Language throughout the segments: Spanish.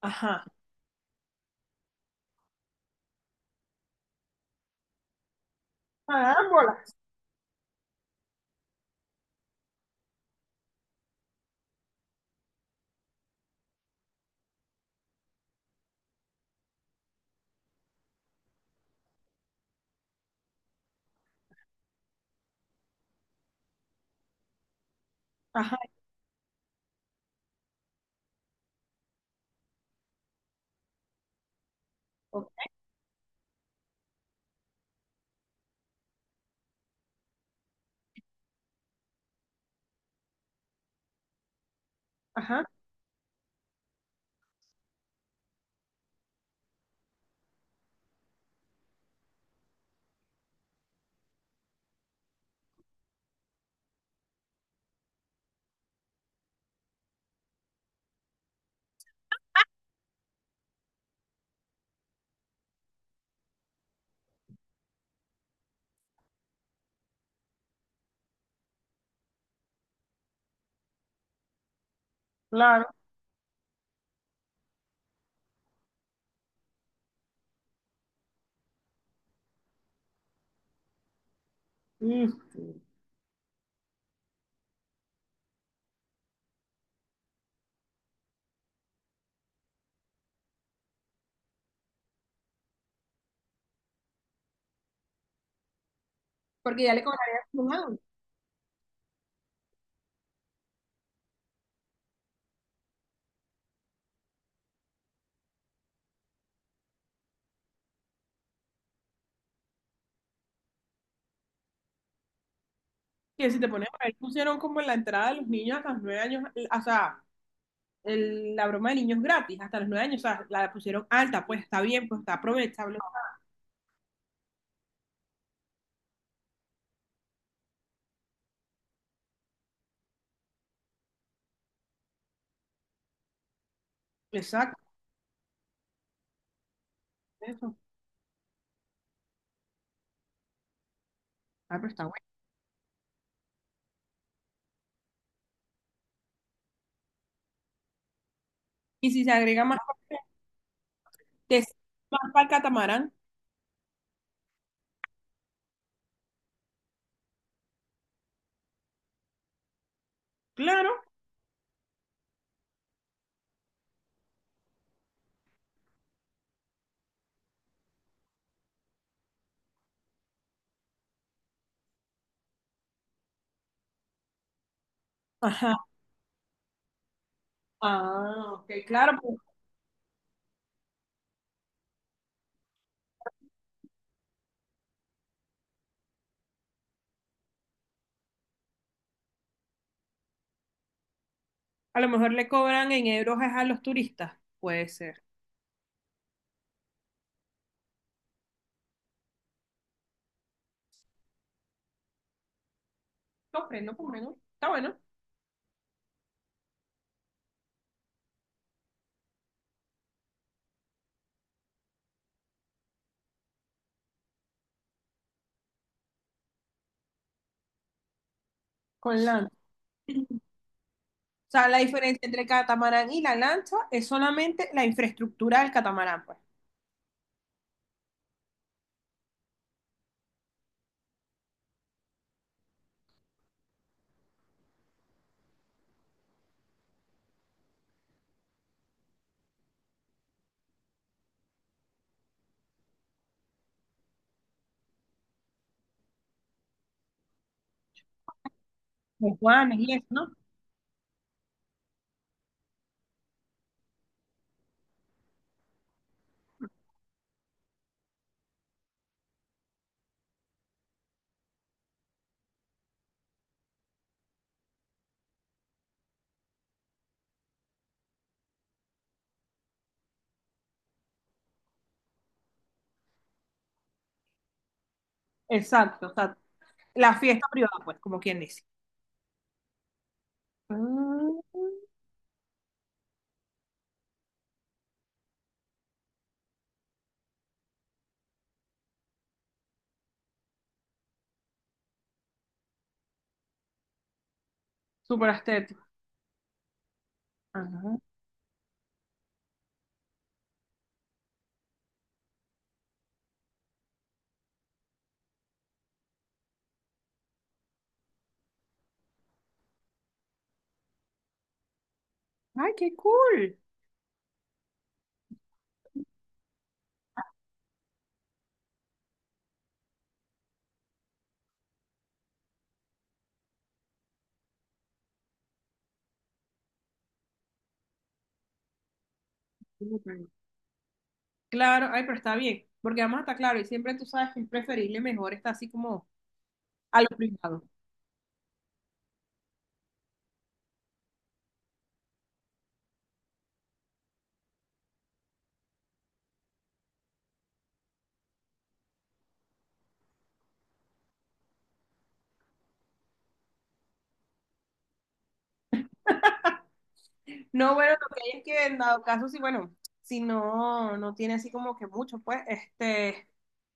Ajá. Carámbola. Ajá. Ok. Ajá. Claro. Mm. Porque ya le cobraría un año. Que si te pones a ver, pusieron como en la entrada de los niños hasta los 9 años, o sea, la broma de niños gratis hasta los 9 años, o sea, la pusieron alta, pues está bien, pues está aprovechable. Exacto, eso. Ah, pero está bueno. Y si se agrega más, te- más para el catamarán, claro. Ajá. Ah, ok, claro, pues, a lo mejor le cobran en euros es a los turistas. Puede ser. Comprendo, comprendo. Está bueno. Con lancha. O sea, la diferencia entre el catamarán y la lancha es solamente la infraestructura del catamarán, pues. ¿Los guanes y eso, no? Exacto, o sea, la fiesta privada, pues, como quien dice. Ah, súper estético. Ajá. Ay, qué cool. Claro, ay, pero está bien, porque además está claro, y siempre tú sabes que es preferible mejor está así como a lo privado. No, bueno, lo que hay es que en dado caso, si bueno, si no, no tiene así como que mucho, pues, este,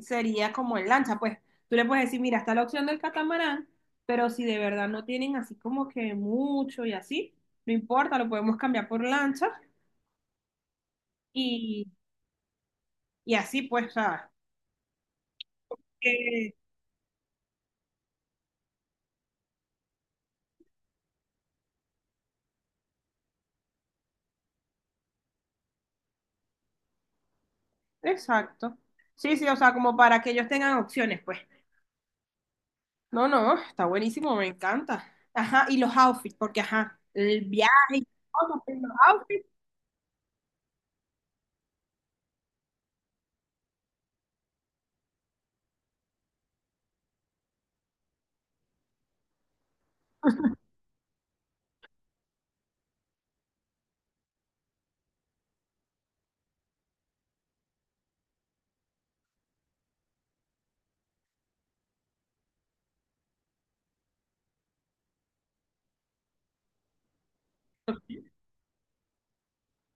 sería como en lancha, pues, tú le puedes decir, mira, está la opción del catamarán, pero si de verdad no tienen así como que mucho y así, no importa, lo podemos cambiar por lancha y, y así, pues, o sea, que- exacto. Sí, sí, o sea, como para que ellos tengan opciones, pues. No, no, está buenísimo, me encanta. Ajá, y los outfits, porque ajá, el viaje y todo, pero los outfits.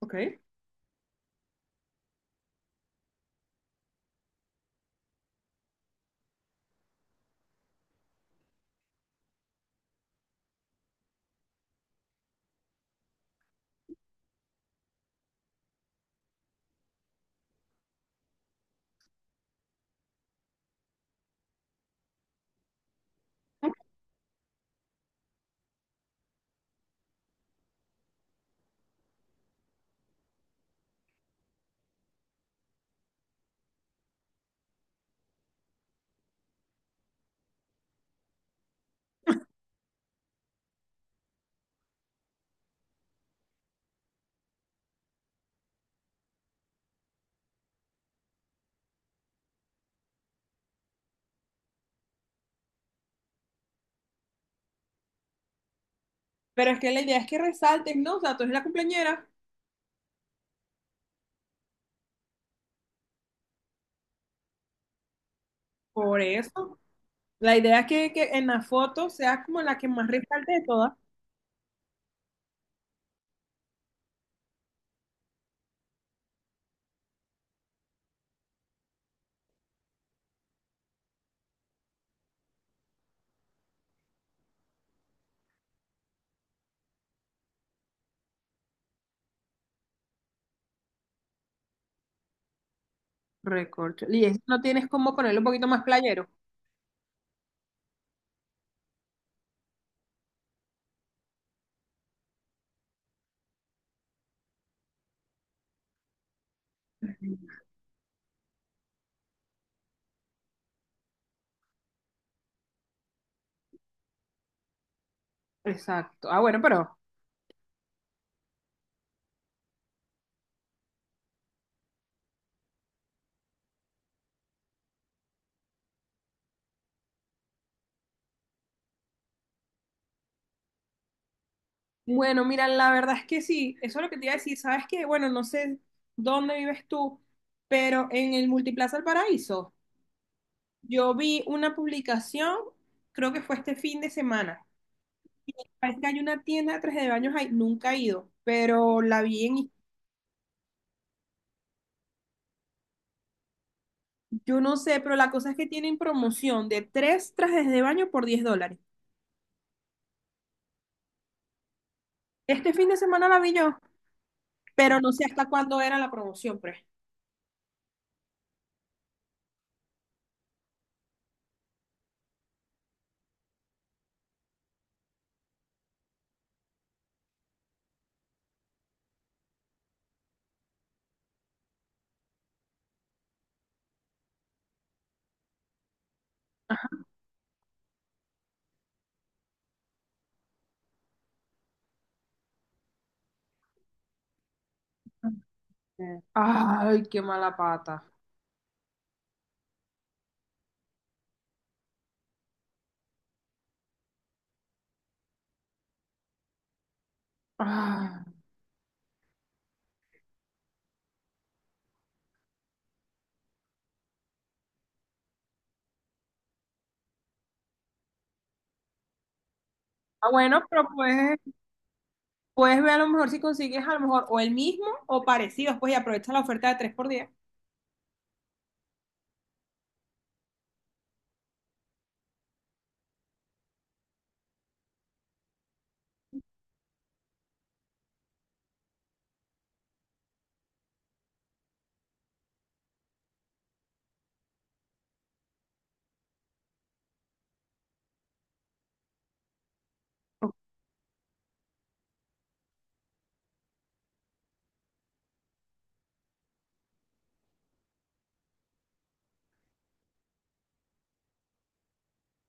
Ok. Pero es que la idea es que resalten, ¿no? O sea, tú eres la cumpleañera, por eso. La idea es que en la foto sea como la que más resalte de todas. Recorcho. Y eso no tienes como ponerlo un poquito más playero. Exacto. Ah, bueno, pero. Bueno, mira, la verdad es que sí. Eso es lo que te iba a decir. ¿Sabes qué? Bueno, no sé dónde vives tú, pero en el Multiplaza El Paraíso, yo vi una publicación, creo que fue este fin de semana. Parece que hay una tienda de trajes de baños ahí, nunca he ido, pero la vi en. Yo no sé, pero la cosa es que tienen promoción de tres trajes de baño por $10. Este fin de semana la vi yo, pero no sé hasta cuándo era la promoción, pues. Ajá. Ay, qué mala pata. Ah. Ah, bueno, pero puedes, puedes ver a lo mejor si consigues a lo mejor o el mismo o parecidos, pues y aprovecha la oferta de tres por 10.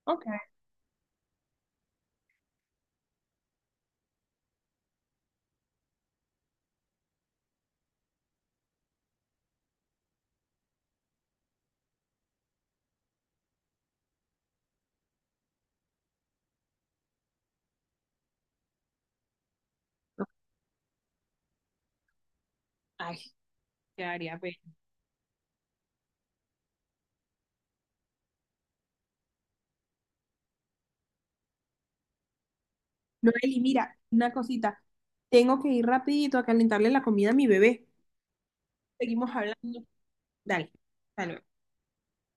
Ok. Ay, quedaría bello. Noeli, mira, una cosita. Tengo que ir rapidito a calentarle la comida a mi bebé. Seguimos hablando. Dale, hasta luego.